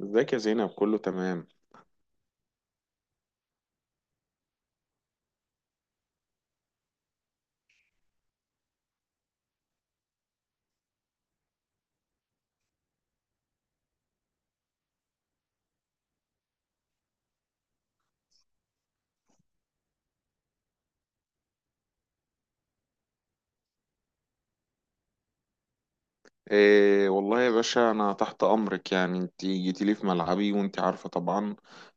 ازيك يا زينب، كله تمام. إيه والله يا باشا، انا تحت امرك. يعني انت جيتي لي في ملعبي وانت عارفه طبعا.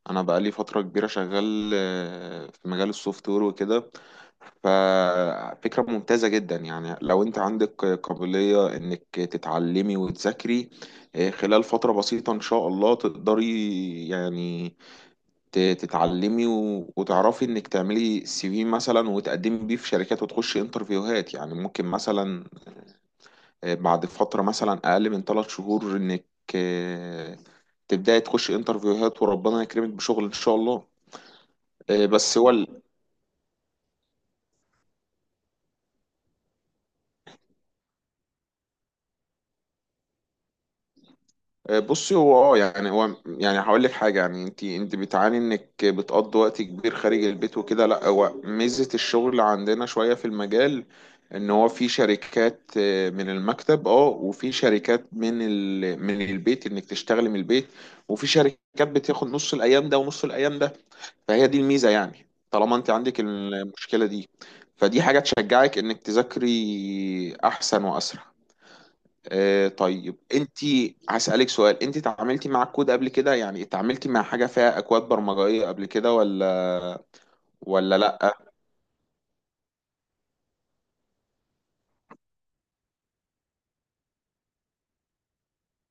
انا بقالي فتره كبيره شغال في مجال السوفت وير وكده. ففكره ممتازه جدا، يعني لو انت عندك قابليه انك تتعلمي وتذاكري خلال فتره بسيطه ان شاء الله تقدري يعني تتعلمي وتعرفي انك تعملي سي في مثلا، وتقدمي بيه في شركات وتخشي انترفيوهات. يعني ممكن مثلا بعد فترة مثلا أقل من 3 شهور إنك آه، تبدأي تخش انترفيوهات وربنا يكرمك بشغل إن شاء الله. بس هو بصي، هو يعني هو يعني هقول لك حاجة. يعني انت بتعاني انك بتقضي وقت كبير خارج البيت وكده. لا، هو ميزة الشغل عندنا شوية في المجال، ان هو في شركات من المكتب، وفي شركات من من البيت انك تشتغلي من البيت، وفي شركات بتاخد نص الايام ده ونص الايام ده. فهي دي الميزة. يعني طالما انت عندك المشكلة دي، فدي حاجة تشجعك انك تذاكري احسن واسرع. طيب، انت هسألك سؤال. انت اتعاملتي مع الكود قبل كده؟ يعني اتعاملتي مع حاجة فيها اكواد برمجية قبل كده ولا؟ ولا لا.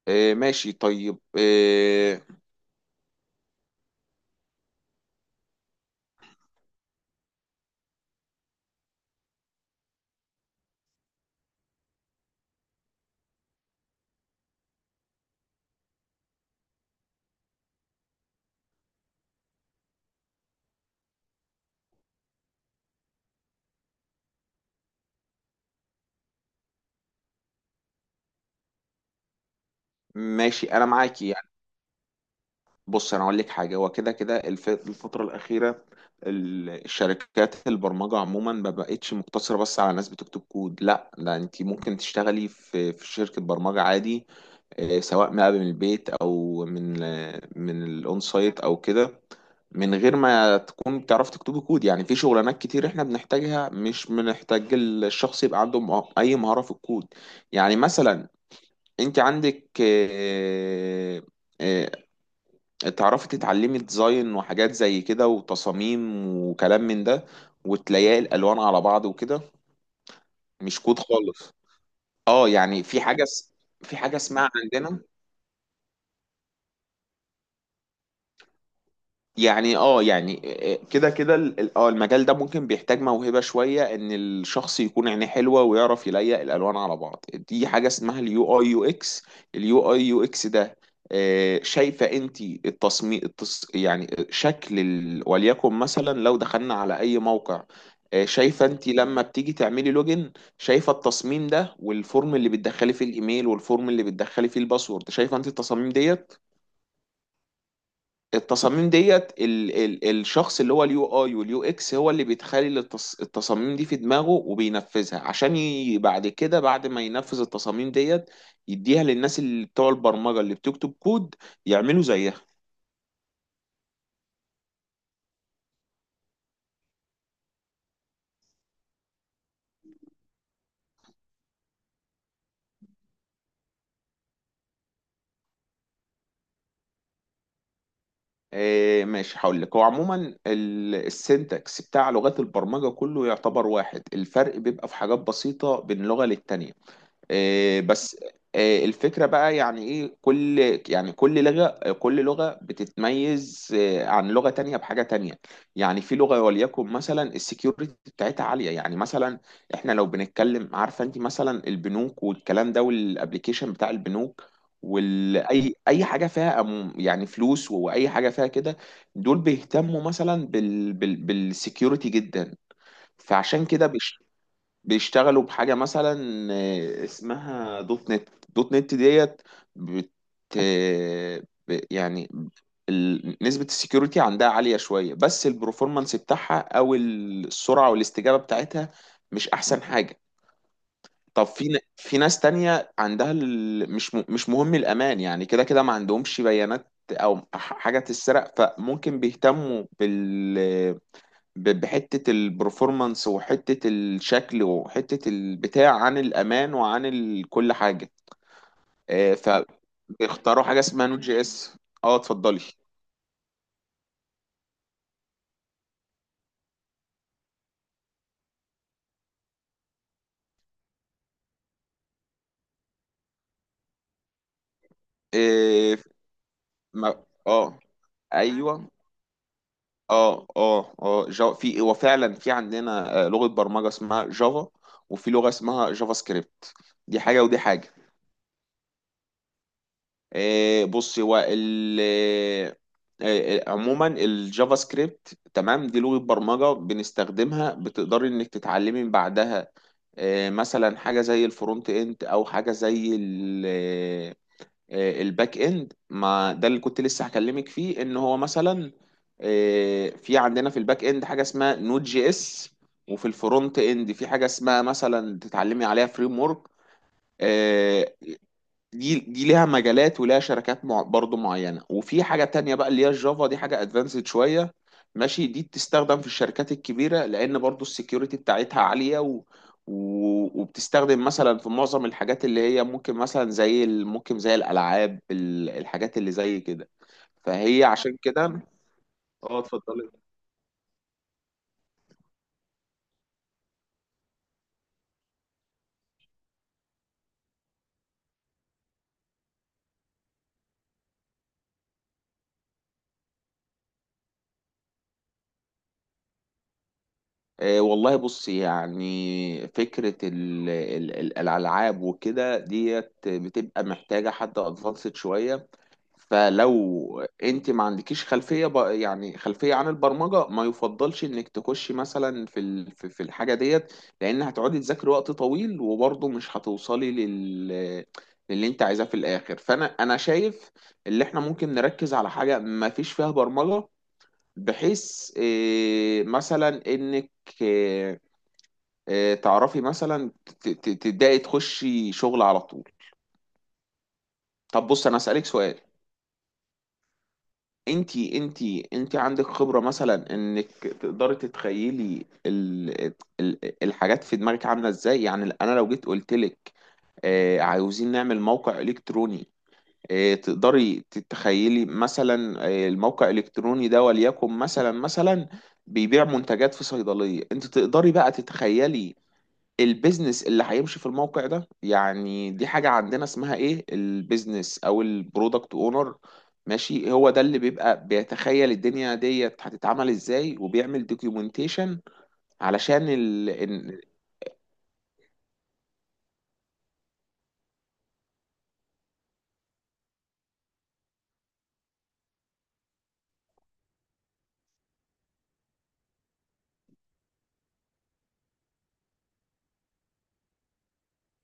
ماشي، طيب. ماشي، انا معاكي. بص انا اقول لك حاجه، هو كده كده الفتره الاخيره الشركات البرمجه عموما ما بقتش مقتصره بس على ناس بتكتب كود. لا، ده انت ممكن تشتغلي في شركه برمجه عادي، سواء بقى من البيت او من الاون سايت او كده، من غير ما تكون بتعرف تكتب كود. يعني في شغلانات كتير احنا بنحتاجها مش بنحتاج الشخص يبقى عنده اي مهارة في الكود. يعني مثلا انت عندك آه، تعرفي تتعلمي ديزاين وحاجات زي كده وتصاميم وكلام من ده، وتلاقي الالوان على بعض وكده، مش كود خالص. اه يعني في حاجه في حاجه اسمها عندنا. يعني يعني كده كده المجال ده ممكن بيحتاج موهبة شوية، ان الشخص يكون عينيه حلوة ويعرف يليق الالوان على بعض. دي حاجة اسمها اليو اي يو اكس. اليو اي يو اكس ده، شايفة انت التصميم، يعني شكل وليكن مثلا لو دخلنا على اي موقع، شايفة انت لما بتيجي تعملي لوجن، شايفة التصميم ده والفورم اللي بتدخلي فيه الايميل والفورم اللي بتدخلي فيه الباسورد، شايفة انت التصاميم ديت؟ التصاميم ديت، ال الشخص اللي هو اليو اي واليو اكس هو اللي بيتخيل التصاميم دي في دماغه، وبينفذها عشان بعد كده، بعد ما ينفذ التصاميم ديت، يديها للناس اللي بتوع البرمجة اللي بتكتب كود يعملوا زيها. ماشي، هقول لك. هو عموما السنتكس بتاع لغات البرمجة كله يعتبر واحد. الفرق بيبقى في حاجات بسيطة بين لغة للتانية، آه، بس آه، الفكرة بقى يعني ايه. يعني كل لغة كل لغة بتتميز عن لغة تانية بحاجة تانية. يعني في لغة، وليكن مثلا السكيورتي بتاعتها عالية. يعني مثلا احنا لو بنتكلم، عارفة انت مثلا البنوك والكلام ده والابليكيشن بتاع البنوك واي حاجه فيها يعني فلوس، واي حاجه فيها كده، دول بيهتموا مثلا بالسكيورتي جدا. فعشان كده بيشتغلوا بحاجة مثلا اسمها دوت نت. دوت نت ديت بت آه، يعني نسبة السكيورتي عندها عالية شوية، بس البروفورمانس بتاعها أو السرعة والاستجابة بتاعتها مش أحسن حاجة. طب في في ناس تانية عندها مش مهم الأمان. يعني كده كده ما عندهمش بيانات أو حاجة تتسرق، فممكن بيهتموا بحتة البرفورمانس وحتة الشكل وحتة البتاع عن الأمان وعن كل حاجة. آه، فبيختاروا حاجة اسمها نوت جي اس. اه اتفضلي. آه، ما- اه ايوه. وفعلا في عندنا لغة برمجة اسمها جافا، وفي لغة اسمها جافا سكريبت. دي حاجة ودي حاجة. بص هو ال آه، آه، عموما الجافا سكريبت تمام، دي لغة برمجة بنستخدمها. بتقدري انك تتعلمي من بعدها مثلا حاجة زي الفرونت اند او حاجة زي الباك اند. ما ده اللي كنت لسه هكلمك فيه، ان هو مثلا في عندنا في الباك اند حاجة اسمها نود جي اس، وفي الفرونت اند في حاجة اسمها مثلا تتعلمي عليها فريم ورك. دي ليها مجالات وليها شركات مع برضو معينة. وفي حاجة تانية بقى اللي هي الجافا، دي حاجة ادفانسد شوية، ماشي. دي بتستخدم في الشركات الكبيرة لأن برضو السكيورتي بتاعتها عالية، و... و... وبتستخدم مثلا في معظم الحاجات اللي هي ممكن مثلا زي ممكن زي الألعاب، الحاجات اللي زي كده، فهي عشان كده. اه اتفضلي. والله، بص، يعني فكرة الألعاب وكده ديت بتبقى محتاجة حد ادفانسد شوية. فلو انت ما عندكيش خلفيه يعني خلفيه عن البرمجه، ما يفضلش انك تخشي مثلا في ال... في في الحاجه ديت، لان هتقعدي تذاكري وقت طويل وبرضه مش هتوصلي للي انت عايزاه في الاخر. فانا شايف اللي احنا ممكن نركز على حاجه ما فيش فيها برمجه، بحيث مثلا انك إيه إيه تعرفي مثلا تبداي تخشي شغل على طول. طب بص انا اسالك سؤال، انتي عندك خبرة مثلا انك تقدري تتخيلي ال الحاجات في دماغك عاملة ازاي؟ يعني انا لو جيت قلت لك عاوزين نعمل موقع الكتروني، تقدري تتخيلي مثلا الموقع الالكتروني ده، وليكن مثلا بيبيع منتجات في صيدلية، انت تقدري بقى تتخيلي البيزنس اللي هيمشي في الموقع ده؟ يعني دي حاجة عندنا اسمها ايه، البيزنس او البرودكت اونر. ماشي، هو ده اللي بيبقى بيتخيل الدنيا ديت هتتعمل ازاي، وبيعمل دوكيومنتيشن علشان إن-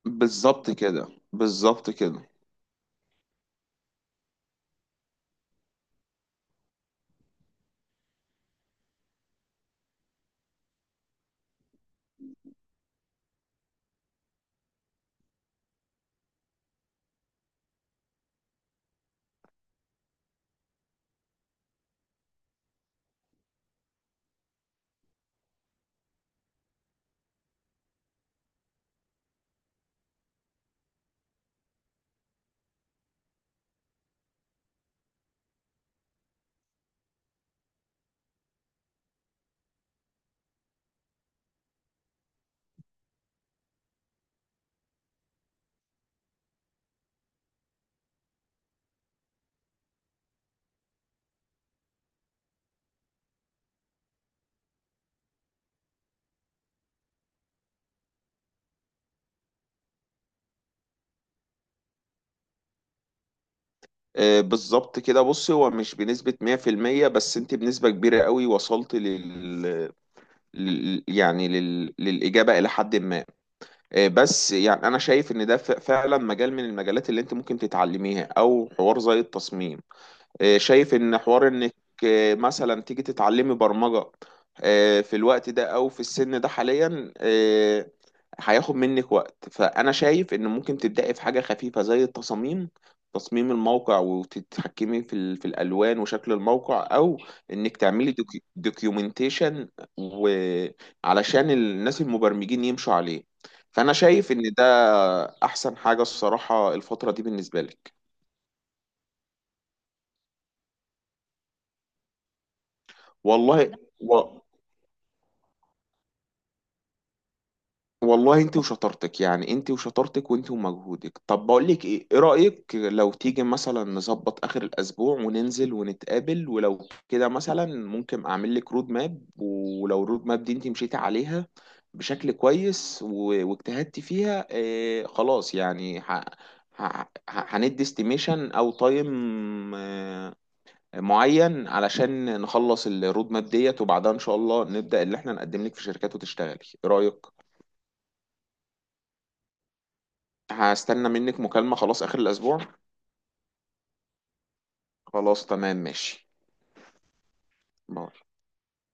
بالظبط كده. بالظبط كده. بالظبط كده. بص، هو مش بنسبة 100%، بس انت بنسبة كبيرة قوي وصلت يعني للإجابة، إلى حد ما. إيه، بس يعني انا شايف ان ده فعلا مجال من المجالات اللي انت ممكن تتعلميها، او حوار زي التصميم. إيه، شايف ان حوار انك، إيه، مثلا تيجي تتعلمي برمجة، إيه، في الوقت ده او في السن ده حاليا هياخد منك وقت. فانا شايف ان ممكن تبداي في حاجه خفيفه زي التصاميم، تصميم الموقع، وتتحكمي في في الالوان وشكل الموقع، او انك تعملي دوكيومنتيشن وعلشان الناس المبرمجين يمشوا عليه. فانا شايف ان ده احسن حاجه الصراحه الفتره دي بالنسبه لك. والله و... والله، انت وشطارتك. يعني انت وشطارتك وانت ومجهودك. طب بقول لك ايه رأيك لو تيجي مثلا نظبط اخر الاسبوع وننزل ونتقابل؟ ولو كده مثلا ممكن اعمل لك رود ماب، ولو الرود ماب دي انت مشيتي عليها بشكل كويس و- واجتهدتي فيها، خلاص، يعني هندي استيميشن او تايم اه معين علشان نخلص الرود ماب ديت، وبعدها ان شاء الله نبدأ اللي احنا نقدم لك في شركات وتشتغلي. ايه رأيك؟ هستنى منك مكالمة خلاص آخر الأسبوع. خلاص تمام ماشي.